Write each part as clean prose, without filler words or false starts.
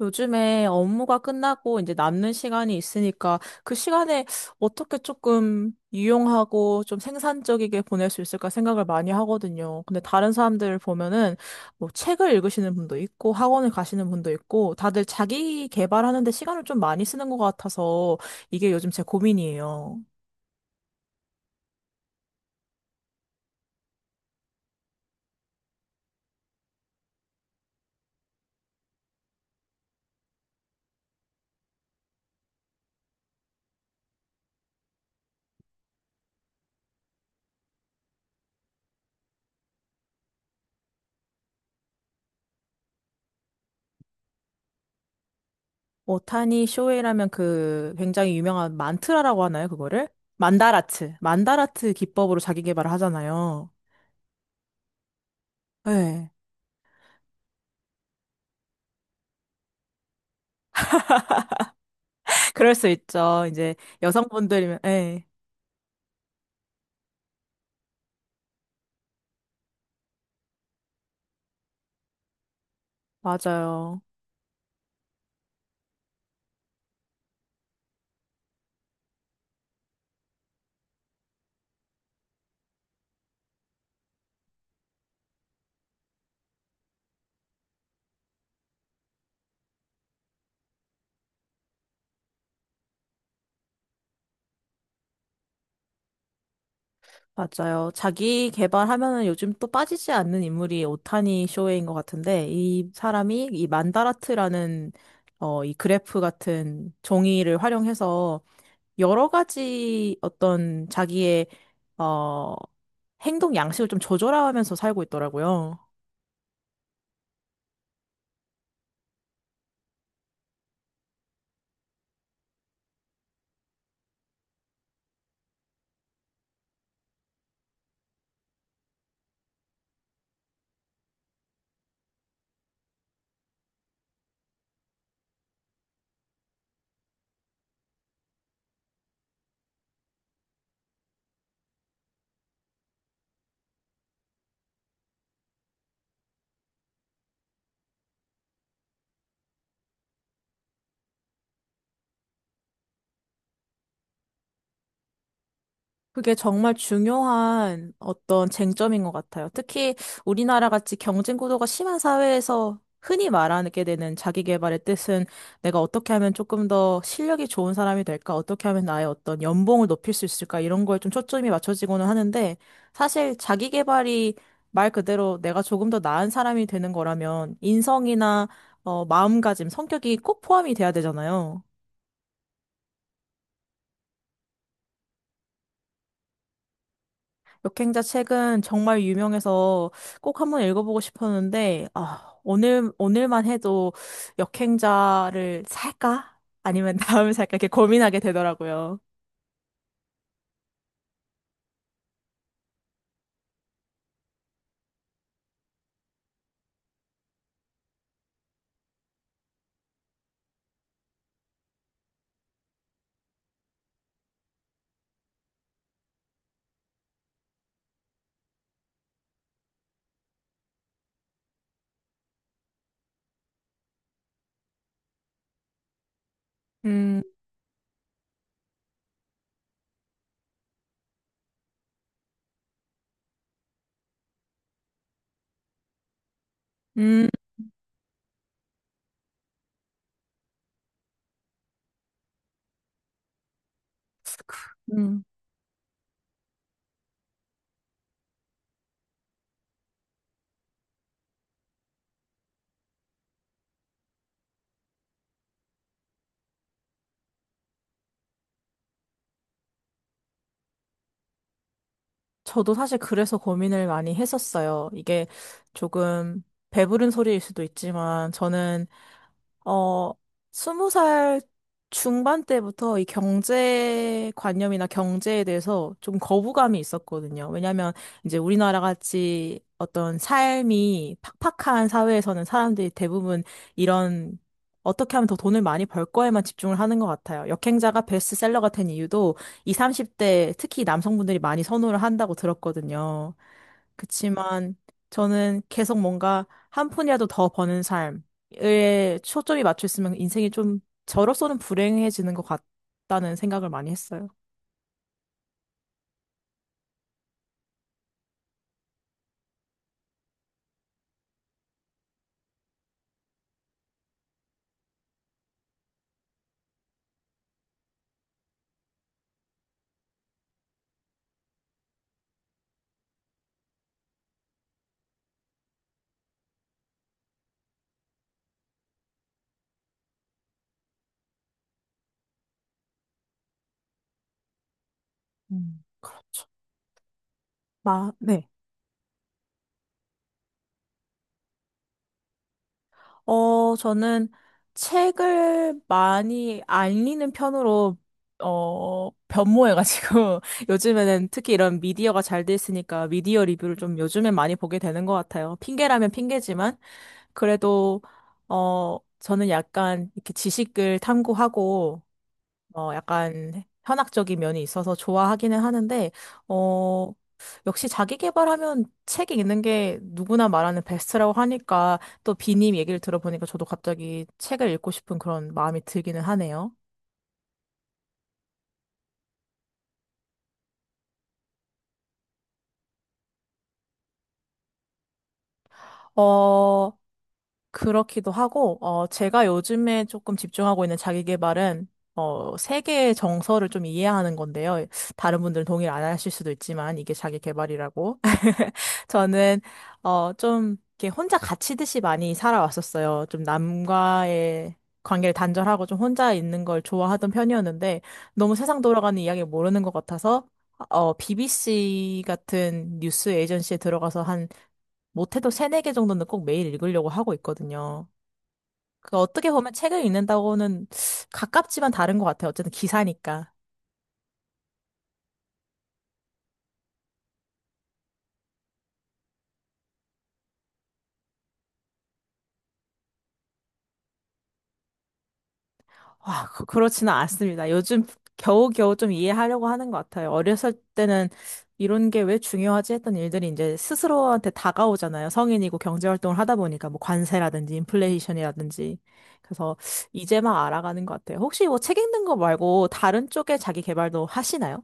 요즘에 업무가 끝나고 이제 남는 시간이 있으니까 그 시간에 어떻게 조금 유용하고 좀 생산적이게 보낼 수 있을까 생각을 많이 하거든요. 근데 다른 사람들 보면은 뭐 책을 읽으시는 분도 있고 학원을 가시는 분도 있고 다들 자기 개발하는 데 시간을 좀 많이 쓰는 것 같아서 이게 요즘 제 고민이에요. 오타니 쇼헤이라면 그 굉장히 유명한 만트라라고 하나요, 그거를? 만다라트. 만다라트 기법으로 자기 개발을 하잖아요. 네. 그럴 수 있죠. 이제 여성분들이면, 예, 맞아요. 맞아요. 자기 개발하면은 요즘 또 빠지지 않는 인물이 오타니 쇼헤인 것 같은데, 이 사람이 이 만다라트라는, 이 그래프 같은 종이를 활용해서 여러 가지 어떤 자기의, 어, 행동 양식을 좀 조절하면서 살고 있더라고요. 그게 정말 중요한 어떤 쟁점인 것 같아요. 특히 우리나라 같이 경쟁 구도가 심한 사회에서 흔히 말하게 되는 자기 개발의 뜻은 내가 어떻게 하면 조금 더 실력이 좋은 사람이 될까? 어떻게 하면 나의 어떤 연봉을 높일 수 있을까? 이런 거에 좀 초점이 맞춰지고는 하는데 사실 자기 개발이 말 그대로 내가 조금 더 나은 사람이 되는 거라면 인성이나 마음가짐, 성격이 꼭 포함이 돼야 되잖아요. 역행자 책은 정말 유명해서 꼭 한 번 읽어보고 싶었는데, 아, 오늘만 해도 역행자를 살까? 아니면 다음을 살까? 이렇게 고민하게 되더라고요. 음, 음, 음. 저도 사실 그래서 고민을 많이 했었어요. 이게 조금 배부른 소리일 수도 있지만, 저는 어, 스무 살 중반 때부터 이 경제 관념이나 경제에 대해서 좀 거부감이 있었거든요. 왜냐하면 이제 우리나라 같이 어떤 삶이 팍팍한 사회에서는 사람들이 대부분 이런 어떻게 하면 더 돈을 많이 벌 거에만 집중을 하는 것 같아요. 역행자가 베스트셀러가 된 이유도 이 30대 특히 남성분들이 많이 선호를 한다고 들었거든요. 그치만 저는 계속 뭔가 한 푼이라도 더 버는 삶, 에 초점이 맞춰 있으면 인생이 좀 저로서는 불행해지는 것 같다는 생각을 많이 했어요. 그렇죠. 마, 네. 저는 책을 많이 안 읽는 편으로, 변모해가지고, 요즘에는 특히 이런 미디어가 잘 돼 있으니까 미디어 리뷰를 좀 요즘엔 많이 보게 되는 것 같아요. 핑계라면 핑계지만, 그래도, 저는 약간 이렇게 지식을 탐구하고, 약간 현학적인 면이 있어서 좋아하기는 하는데, 어, 역시 자기 개발하면 책이 있는 게 누구나 말하는 베스트라고 하니까 또 비님 얘기를 들어보니까 저도 갑자기 책을 읽고 싶은 그런 마음이 들기는 하네요. 어, 그렇기도 하고, 제가 요즘에 조금 집중하고 있는 자기 개발은 세계의 정서를 좀 이해하는 건데요. 다른 분들은 동의를 안 하실 수도 있지만 이게 자기 개발이라고. 저는 좀 이렇게 혼자 같이듯이 많이 살아왔었어요. 좀 남과의 관계를 단절하고 좀 혼자 있는 걸 좋아하던 편이었는데 너무 세상 돌아가는 이야기를 모르는 것 같아서 BBC 같은 뉴스 에이전시에 들어가서 한 못해도 세네 개 정도는 꼭 매일 읽으려고 하고 있거든요. 그 어떻게 보면 책을 읽는다고는 가깝지만 다른 것 같아요. 어쨌든 기사니까. 와, 그렇지는 않습니다. 요즘 겨우겨우 좀 이해하려고 하는 것 같아요. 어렸을 때는 이런 게 왜 중요하지 했던 일들이 이제 스스로한테 다가오잖아요. 성인이고 경제활동을 하다 보니까 뭐 관세라든지 인플레이션이라든지. 그래서 이제 막 알아가는 것 같아요. 혹시 뭐 책 읽는 거 말고 다른 쪽에 자기 개발도 하시나요?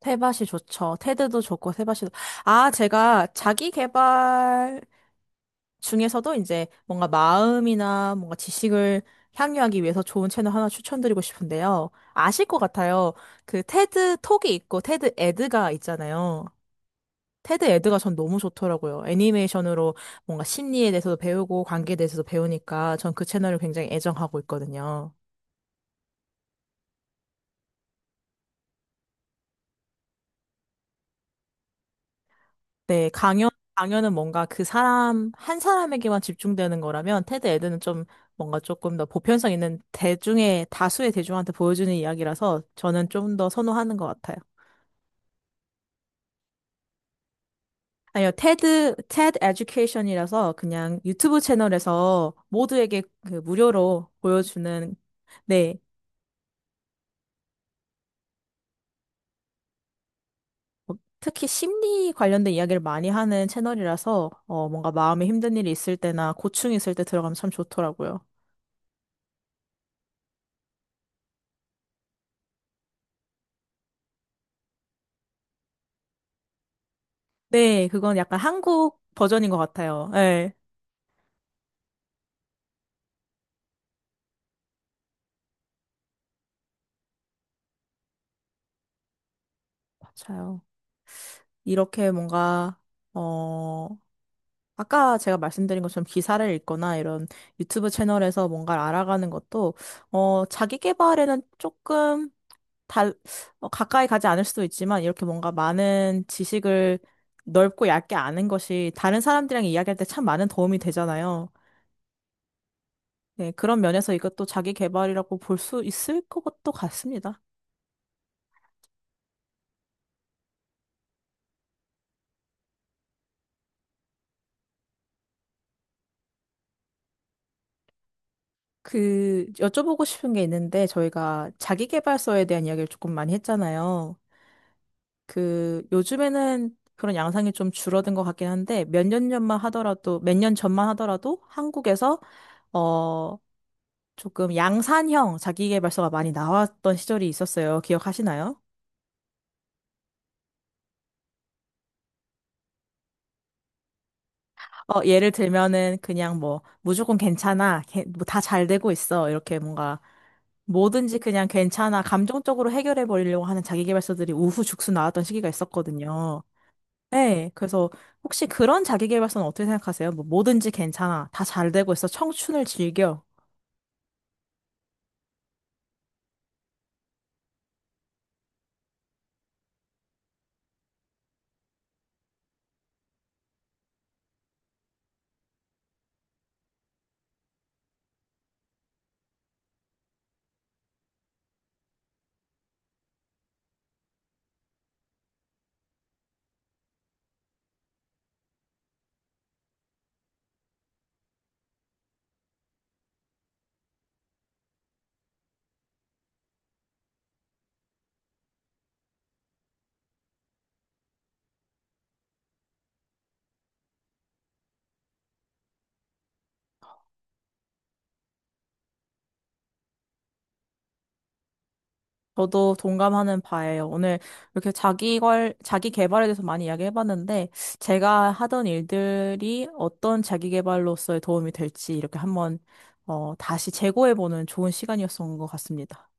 테밭이 좋죠. 테드도 좋고 아, 제가 자기 개발 중에서도 이제 뭔가 마음이나 뭔가 지식을 향유하기 위해서 좋은 채널 하나 추천드리고 싶은데요. 아실 것 같아요. 그 테드 톡이 있고 테드 에드가 있잖아요. 테드 에드가 전 너무 좋더라고요. 애니메이션으로 뭔가 심리에 대해서도 배우고 관계에 대해서도 배우니까 전 그 채널을 굉장히 애정하고 있거든요. 네, 강연, 강연은 뭔가 한 사람에게만 집중되는 거라면, 테드 에드는 좀 뭔가 조금 더 보편성 있는 대중의, 다수의 대중한테 보여주는 이야기라서 저는 좀 더 선호하는 것 같아요. 아니요, 테드 에듀케이션이라서 그냥 유튜브 채널에서 모두에게 그 무료로 보여주는, 네, 특히 심리 관련된 이야기를 많이 하는 채널이라서, 뭔가 마음에 힘든 일이 있을 때나 고충이 있을 때 들어가면 참 좋더라고요. 네, 그건 약간 한국 버전인 것 같아요. 네, 맞아요. 이렇게 뭔가, 어, 아까 제가 말씀드린 것처럼 기사를 읽거나 이런 유튜브 채널에서 뭔가를 알아가는 것도, 자기 개발에는 조금 달, 가까이 가지 않을 수도 있지만, 이렇게 뭔가 많은 지식을 넓고 얇게 아는 것이 다른 사람들이랑 이야기할 때 참 많은 도움이 되잖아요. 네, 그런 면에서 이것도 자기 개발이라고 볼 수 있을 것도 같습니다. 그 여쭤보고 싶은 게 있는데 저희가 자기계발서에 대한 이야기를 조금 많이 했잖아요. 그 요즘에는 그런 양상이 좀 줄어든 것 같긴 한데 몇 년 전만 하더라도 한국에서 어 조금 양산형 자기계발서가 많이 나왔던 시절이 있었어요. 기억하시나요? 예를 들면은 그냥 뭐 무조건 괜찮아, 다 잘 되고 있어 이렇게 뭔가 뭐든지 그냥 괜찮아 감정적으로 해결해 버리려고 하는 자기계발서들이 우후죽순 나왔던 시기가 있었거든요. 네, 그래서 혹시 그런 자기계발서는 어떻게 생각하세요? 뭐 뭐든지 괜찮아. 다 잘 되고 있어. 청춘을 즐겨. 저도 동감하는 바예요. 오늘 이렇게 자기계발에 대해서 많이 이야기해봤는데, 제가 하던 일들이 어떤 자기계발로서의 도움이 될지 이렇게 한번, 다시 재고해보는 좋은 시간이었던 것 같습니다.